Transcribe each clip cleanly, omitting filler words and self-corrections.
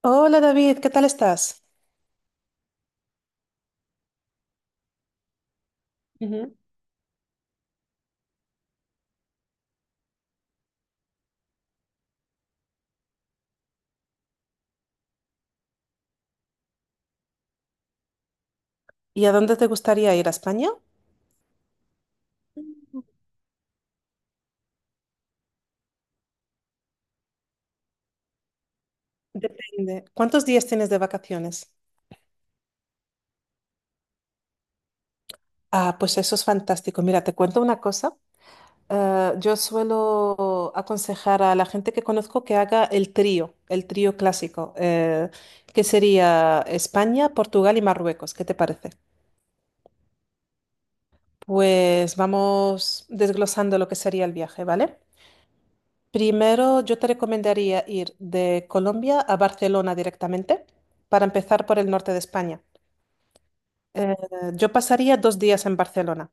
Hola David, ¿qué tal estás? Ujú. ¿Y a dónde te gustaría ir? ¿A España? Depende. ¿Cuántos días tienes de vacaciones? Ah, pues eso es fantástico. Mira, te cuento una cosa. Yo suelo aconsejar a la gente que conozco que haga el trío clásico, que sería España, Portugal y Marruecos. ¿Qué te parece? Pues vamos desglosando lo que sería el viaje, ¿vale? Primero, yo te recomendaría ir de Colombia a Barcelona directamente para empezar por el norte de España. Eh, yo pasaría 2 días en Barcelona.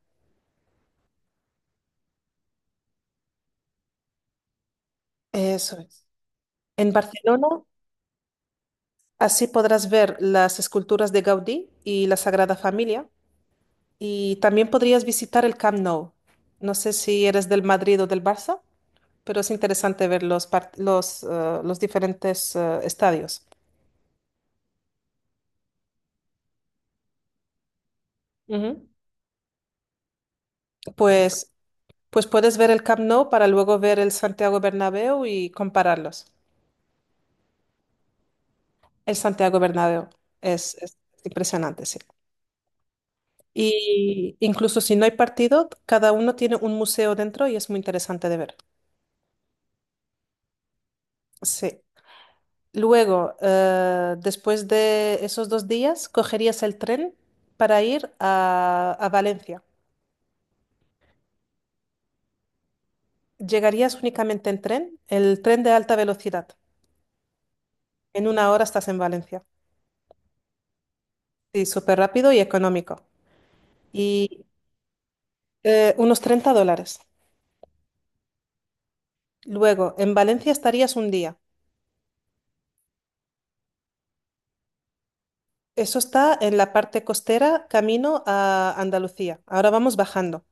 Eso es. En Barcelona, así podrás ver las esculturas de Gaudí y la Sagrada Familia. Y también podrías visitar el Camp Nou. No sé si eres del Madrid o del Barça, pero es interesante ver los diferentes estadios. Ujú. Pues Pues puedes ver el Camp Nou para luego ver el Santiago Bernabéu y compararlos. El Santiago Bernabéu es impresionante, sí. Y incluso si no hay partido, cada uno tiene un museo dentro y es muy interesante de ver. Sí. Luego, después de esos 2 días, cogerías el tren para ir a Valencia. Llegarías únicamente en tren, el tren de alta velocidad. En una hora estás en Valencia. Sí, súper rápido y económico. Y Unos 30 dólares. Luego, en Valencia estarías un día. Eso está en la parte costera, camino a Andalucía. Ahora vamos bajando,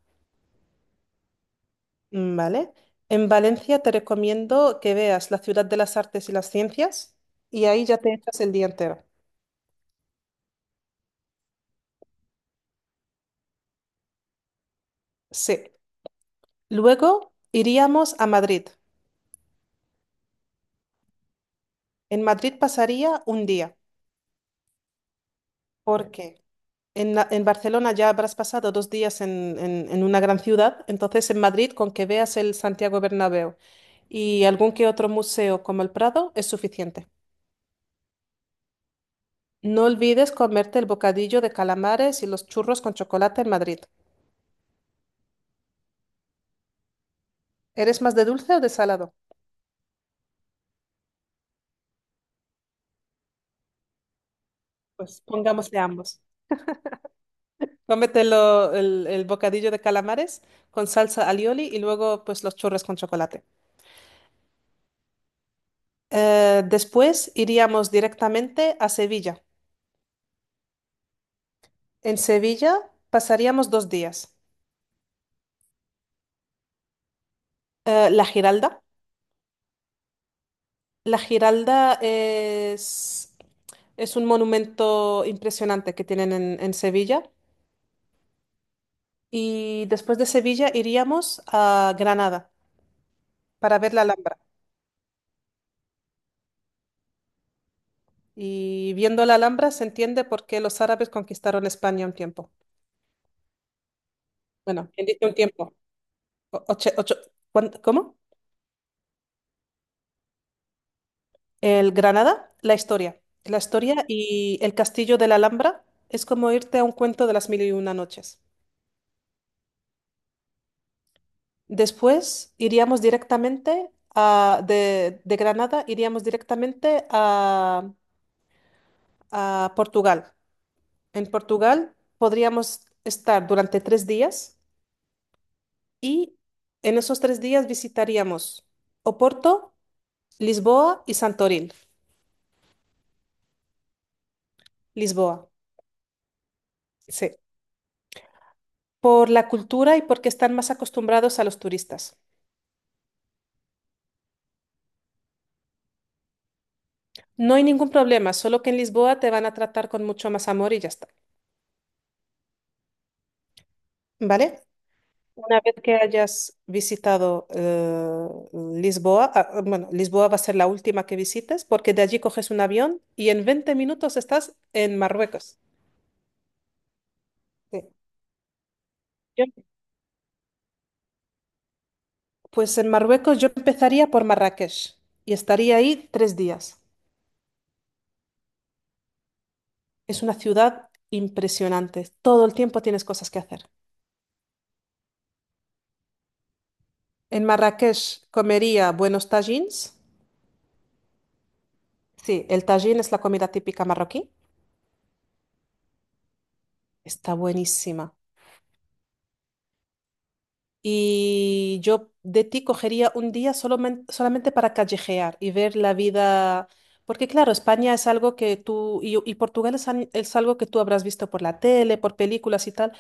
¿vale? En Valencia te recomiendo que veas la ciudad de las artes y las ciencias y ahí ya te echas el día entero. Sí. Luego iríamos a Madrid. En Madrid pasaría un día. ¿Por qué? En Barcelona ya habrás pasado 2 días en una gran ciudad, entonces en Madrid con que veas el Santiago Bernabéu y algún que otro museo como el Prado es suficiente. No olvides comerte el bocadillo de calamares y los churros con chocolate en Madrid. ¿Eres más de dulce o de salado? Pues pongámosle ambos. Cómetelo el bocadillo de calamares con salsa alioli y luego pues los churros con chocolate. Después iríamos directamente a Sevilla. En Sevilla pasaríamos 2 días. La Giralda. La Giralda es un monumento impresionante que tienen en Sevilla. Y después de Sevilla iríamos a Granada para ver la Alhambra. Y viendo la Alhambra se entiende por qué los árabes conquistaron España un tiempo. Bueno, ¿quién dice un tiempo? O- ocho- ocho- ¿Cómo? El Granada, la historia. La historia y el castillo de la Alhambra es como irte a un cuento de las mil y una noches. Después iríamos directamente de Granada, iríamos directamente a Portugal. En Portugal podríamos estar durante 3 días y en esos 3 días visitaríamos Oporto, Lisboa y Santorín. Lisboa, sí. Por la cultura y porque están más acostumbrados a los turistas. No hay ningún problema, solo que en Lisboa te van a tratar con mucho más amor y ya está. ¿Vale? Una vez que hayas visitado Lisboa, ah, bueno, Lisboa va a ser la última que visites porque de allí coges un avión y en 20 minutos estás en Marruecos. Sí. Yo- Pues en Marruecos yo empezaría por Marrakech y estaría ahí 3 días. Es una ciudad impresionante. Todo el tiempo tienes cosas que hacer. En Marrakech comería buenos tagines. Sí, el tagine es la comida típica marroquí. Está buenísima. Y yo de ti cogería un día solamente, solamente para callejear y ver la vida, porque claro, España es algo que tú, y Portugal es, al- es algo que tú habrás visto por la tele, por películas y tal,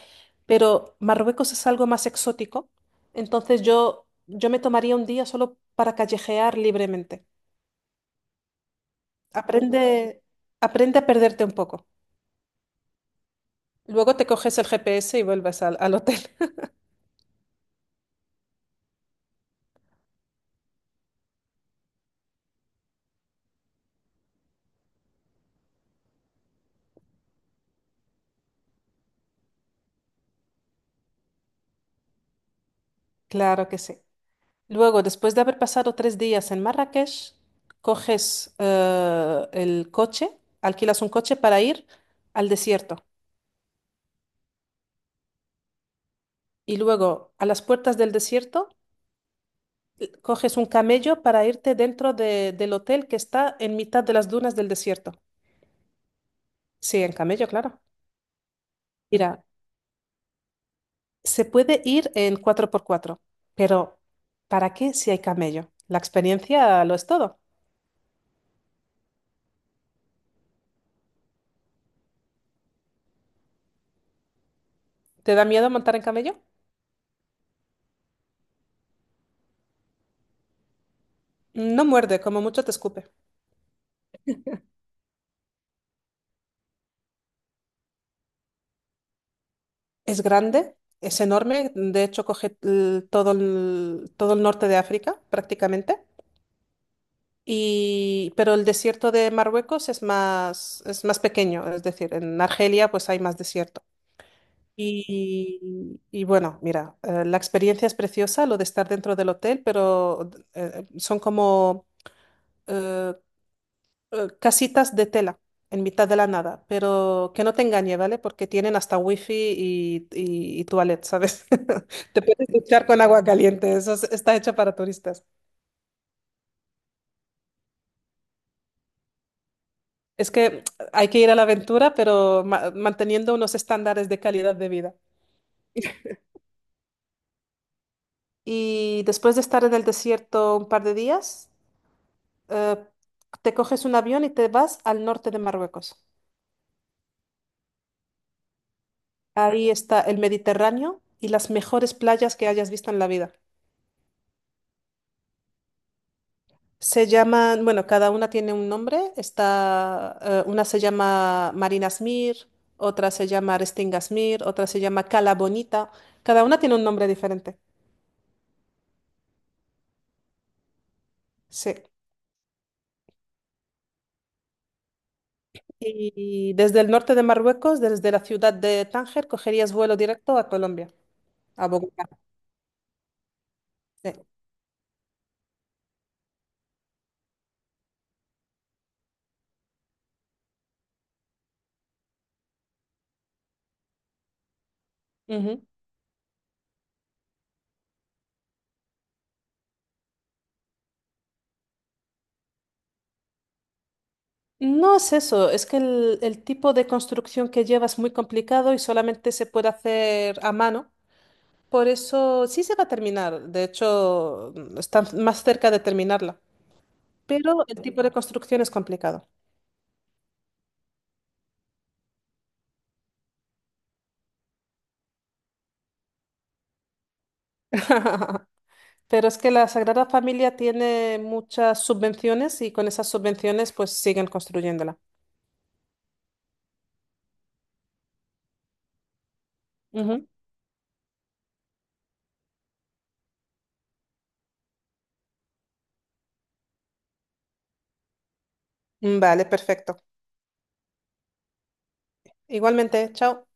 pero Marruecos es algo más exótico, entonces yo me tomaría un día solo para callejear libremente. Aprende, aprende a perderte un poco. Luego te coges el GPS y vuelves al hotel. Claro que sí. Luego, después de haber pasado 3 días en Marrakech, coges el coche, alquilas un coche para ir al desierto. Y luego, a las puertas del desierto, coges un camello para irte dentro del hotel que está en mitad de las dunas del desierto. Sí, en camello, claro. Mira, se puede ir en 4x4, pero ¿para qué si hay camello? La experiencia lo es todo. ¿Te da miedo montar en camello? No muerde, como mucho te escupe. Es grande, es enorme, de hecho coge el- todo el, todo el norte de África prácticamente, y, pero el desierto de Marruecos es más pequeño, es decir, en Argelia pues hay más desierto. Y bueno, mira, la experiencia es preciosa, lo de estar dentro del hotel, pero son como, eh, casitas de tela en mitad de la nada, pero que no te engañe, ¿vale? Porque tienen hasta wifi y toilet, ¿sabes? Te puedes duchar con agua caliente, eso es- está hecho para turistas. Es que hay que ir a la aventura, pero manteniendo unos estándares de calidad de vida. Y después de estar en el desierto un par de días, eh, te coges un avión y te vas al norte de Marruecos. Ahí está el Mediterráneo y las mejores playas que hayas visto en la vida. Se llaman, bueno, cada una tiene un nombre. Está, una se llama Marina Smir, otra se llama Restinga Smir, otra se llama Cala Bonita. Cada una tiene un nombre diferente. Sí. Y desde el norte de Marruecos, desde la ciudad de Tánger, cogerías vuelo directo a Colombia, a Bogotá. Sí. Ujú. No es eso, es que el tipo de construcción que lleva es muy complicado y solamente se puede hacer a mano. Por eso sí se va a terminar, de hecho están más cerca de terminarla, pero el tipo de construcción es complicado. Pero es que la Sagrada Familia tiene muchas subvenciones y con esas subvenciones pues siguen construyéndola. Ujú. Vale, perfecto. Igualmente, chao.